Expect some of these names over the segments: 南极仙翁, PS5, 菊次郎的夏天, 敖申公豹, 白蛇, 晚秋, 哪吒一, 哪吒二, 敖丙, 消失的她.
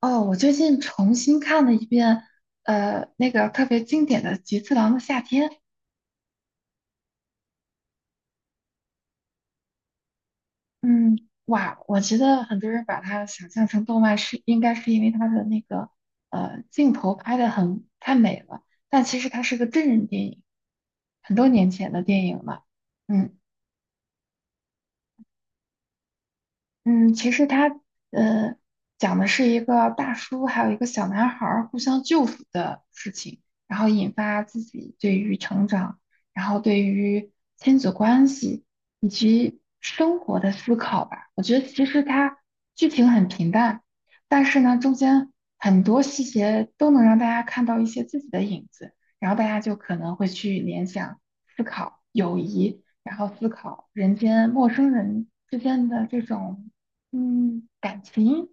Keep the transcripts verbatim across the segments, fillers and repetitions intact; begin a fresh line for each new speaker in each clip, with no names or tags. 哦，我最近重新看了一遍，呃，那个特别经典的《菊次郎的夏天》。嗯，哇，我觉得很多人把它想象成动漫是，应该是因为它的那个呃镜头拍的很太美了，但其实它是个真人电影，很多年前的电影了。嗯。嗯，其实他呃讲的是一个大叔还有一个小男孩儿互相救赎的事情，然后引发自己对于成长，然后对于亲子关系以及生活的思考吧。我觉得其实它剧情很平淡，但是呢中间很多细节都能让大家看到一些自己的影子，然后大家就可能会去联想、思考友谊，然后思考人间陌生人之间的这种。嗯，感情，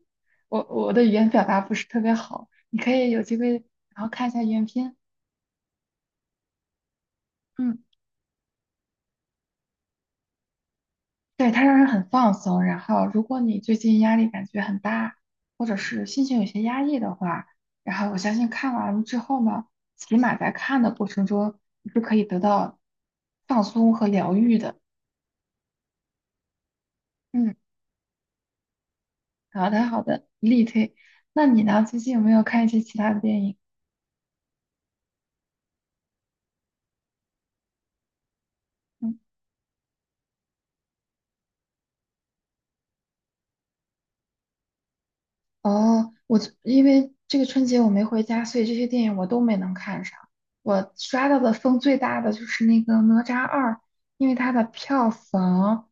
我我的语言表达不是特别好，你可以有机会然后看一下原片。嗯，对，它让人很放松。然后，如果你最近压力感觉很大，或者是心情有些压抑的话，然后我相信看完了之后呢，起码在看的过程中，你是可以得到放松和疗愈的。嗯，好的好的，力推。那你呢？最近有没有看一些其他的电影？嗯，哦，我这因为这个春节我没回家，所以这些电影我都没能看上。我刷到的风最大的就是那个《哪吒二》，因为它的票房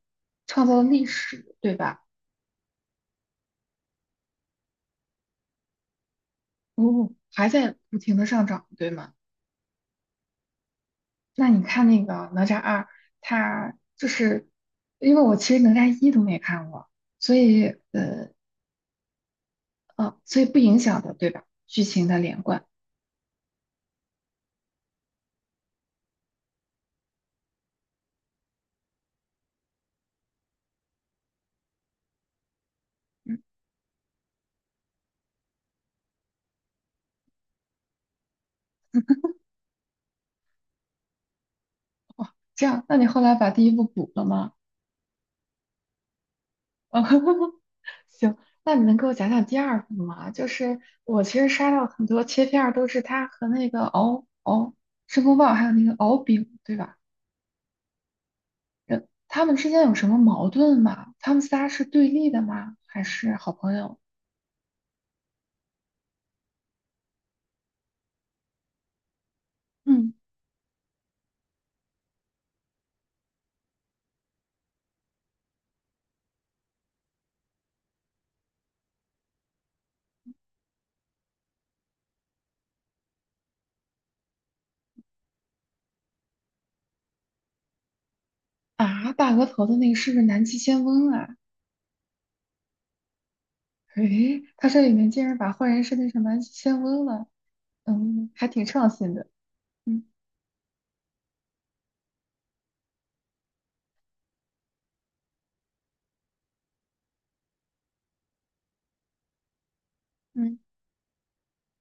创造了历史，对吧？哦，还在不停的上涨，对吗？那你看那个《哪吒二》，它就是因为我其实《哪吒一》都没看过，所以呃呃，所以不影响的，对吧？剧情的连贯，嗯，这样，那你后来把第一部补了吗？行，那你能给我讲讲第二部吗？就是我其实刷到很多切片儿，都是他和那个敖敖申公豹，还有那个敖丙，对吧？人他们之间有什么矛盾吗？他们仨是对立的吗？还是好朋友？嗯，啊，大额头的那个是不是南极仙翁啊？诶，他这里面竟然把坏人设定成南极仙翁了，嗯，还挺创新的。嗯。嗯。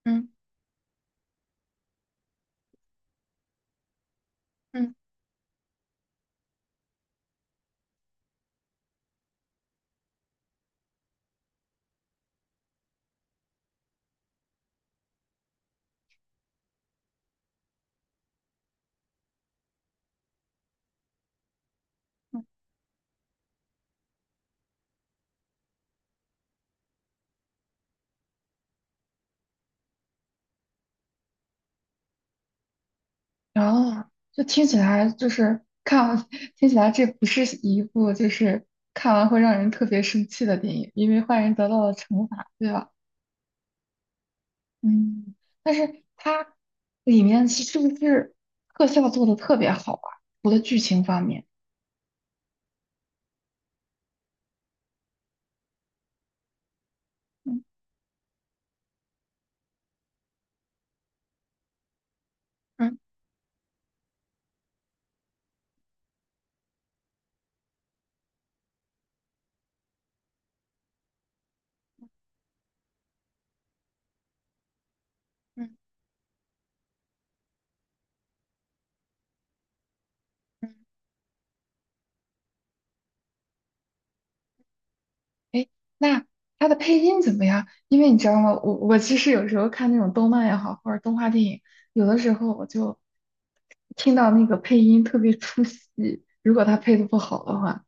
嗯。嗯。然后就听起来就是看完 听起来这不是一部就是看完会让人特别生气的电影，因为坏人得到了惩罚，对吧？嗯，但是它里面是是不是特效做的特别好啊？除了剧情方面，嗯。嗯。嗯。嗯。哎，那他的配音怎么样？因为你知道吗，我我其实有时候看那种动漫也好，或者动画电影，有的时候我就听到那个配音特别出戏，如果他配的不好的话，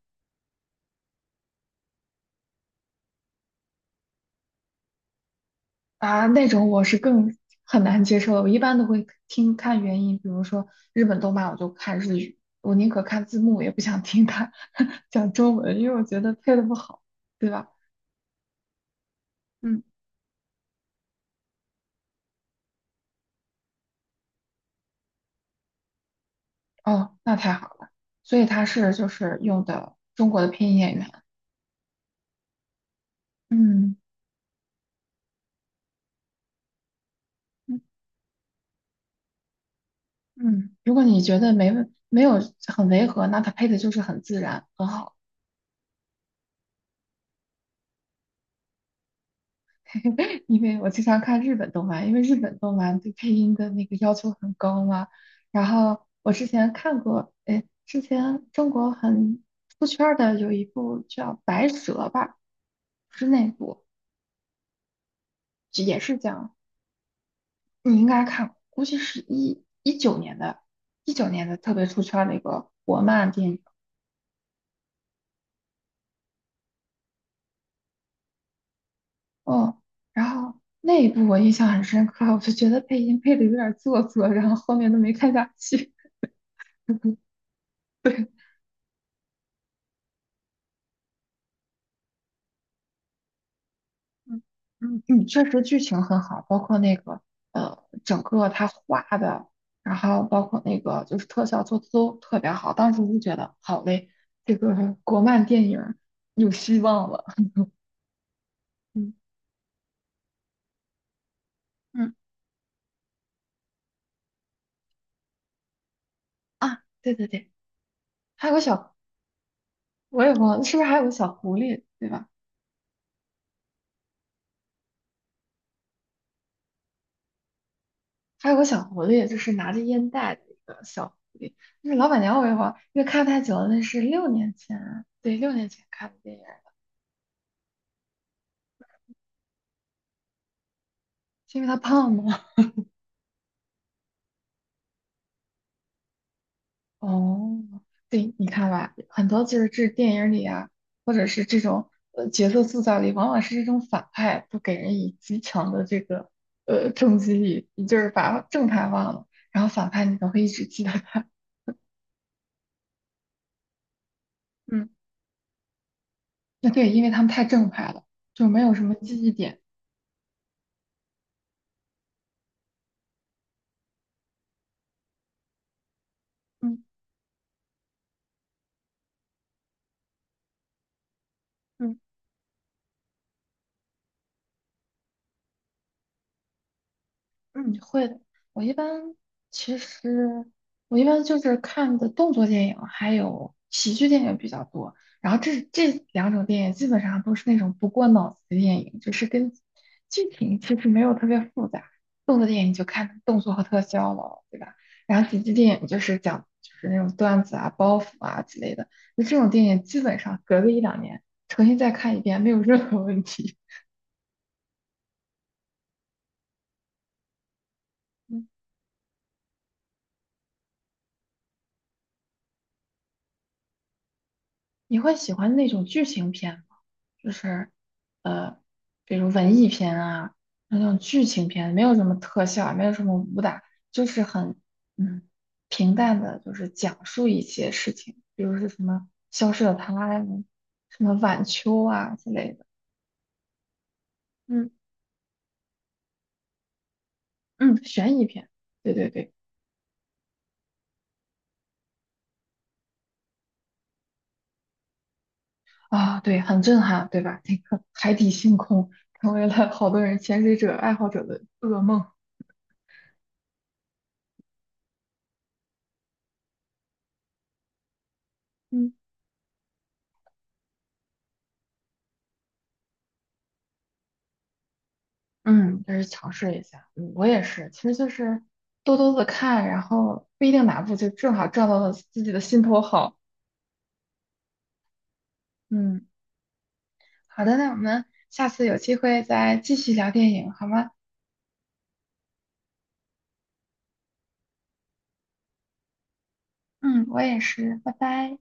啊，那种我是更很难接受的。我一般都会听看原音，比如说日本动漫，我就看日语，我宁可看字幕，也不想听他 讲中文，因为我觉得配的不好，对吧？嗯，哦，那太好了。所以他是就是用的中国的配音演员。嗯。嗯，如果你觉得没问没有很违和，那它配的就是很自然，很好。因为我经常看日本动漫，因为日本动漫对配音的那个要求很高嘛。然后我之前看过，哎，之前中国很出圈儿的有一部叫《白蛇》吧，是那部，也是讲你应该看，估计是一一九年的，一九年的特别出圈儿的一个国漫电影。哦，然后那一部我印象很深刻，我就觉得配音配的有点做作，然后后面都没看下去。对，嗯。嗯，嗯确实剧情很好，包括那个呃，整个他画的，然后包括那个就是特效做的都特别好。当时就觉得好嘞，这个国漫电影儿有希望了。嗯。嗯。啊，对对对，还有个小，我也忘了，是不是还有个小狐狸，对吧？还有个小狐狸，就是拿着烟袋的一个小狐狸。那是老板娘我一会儿，因为看太久了，那是六年前啊，对，六年前看的电影，是因为他胖吗？哦，对，你看吧，很多就是这电影里啊，或者是这种呃角色塑造里，往往是这种反派都给人以极强的这个呃冲击力，你就是把正派忘了，然后反派你总会一直记得他。嗯，那对，因为他们太正派了，就没有什么记忆点。嗯。嗯。嗯，会的。我一般其实我一般就是看的动作电影，还有喜剧电影比较多。然后这这两种电影基本上都是那种不过脑子的电影，就是跟剧情其实没有特别复杂。动作电影就看动作和特效了，对吧？然后喜剧电影就是讲就是那种段子啊、包袱啊之类的。就这种电影基本上隔个一两年重新再看一遍没有任何问题。你会喜欢那种剧情片吗？就是呃，比如文艺片啊，那种剧情片，没有什么特效，没有什么武打，就是很嗯平淡的，就是讲述一些事情，比如是什么消失的她呀，什么晚秋啊之类的。嗯。嗯，悬疑片，对对对，啊、对，很震撼，对吧？那个海底星空成为了好多人潜水者爱好者的噩梦。嗯。嗯，就是尝试一下。嗯，我也是，其实就是多多的看，然后不一定哪部就正好撞到了自己的心头好。嗯，好的，那我们下次有机会再继续聊电影，好吗？嗯，我也是，拜拜。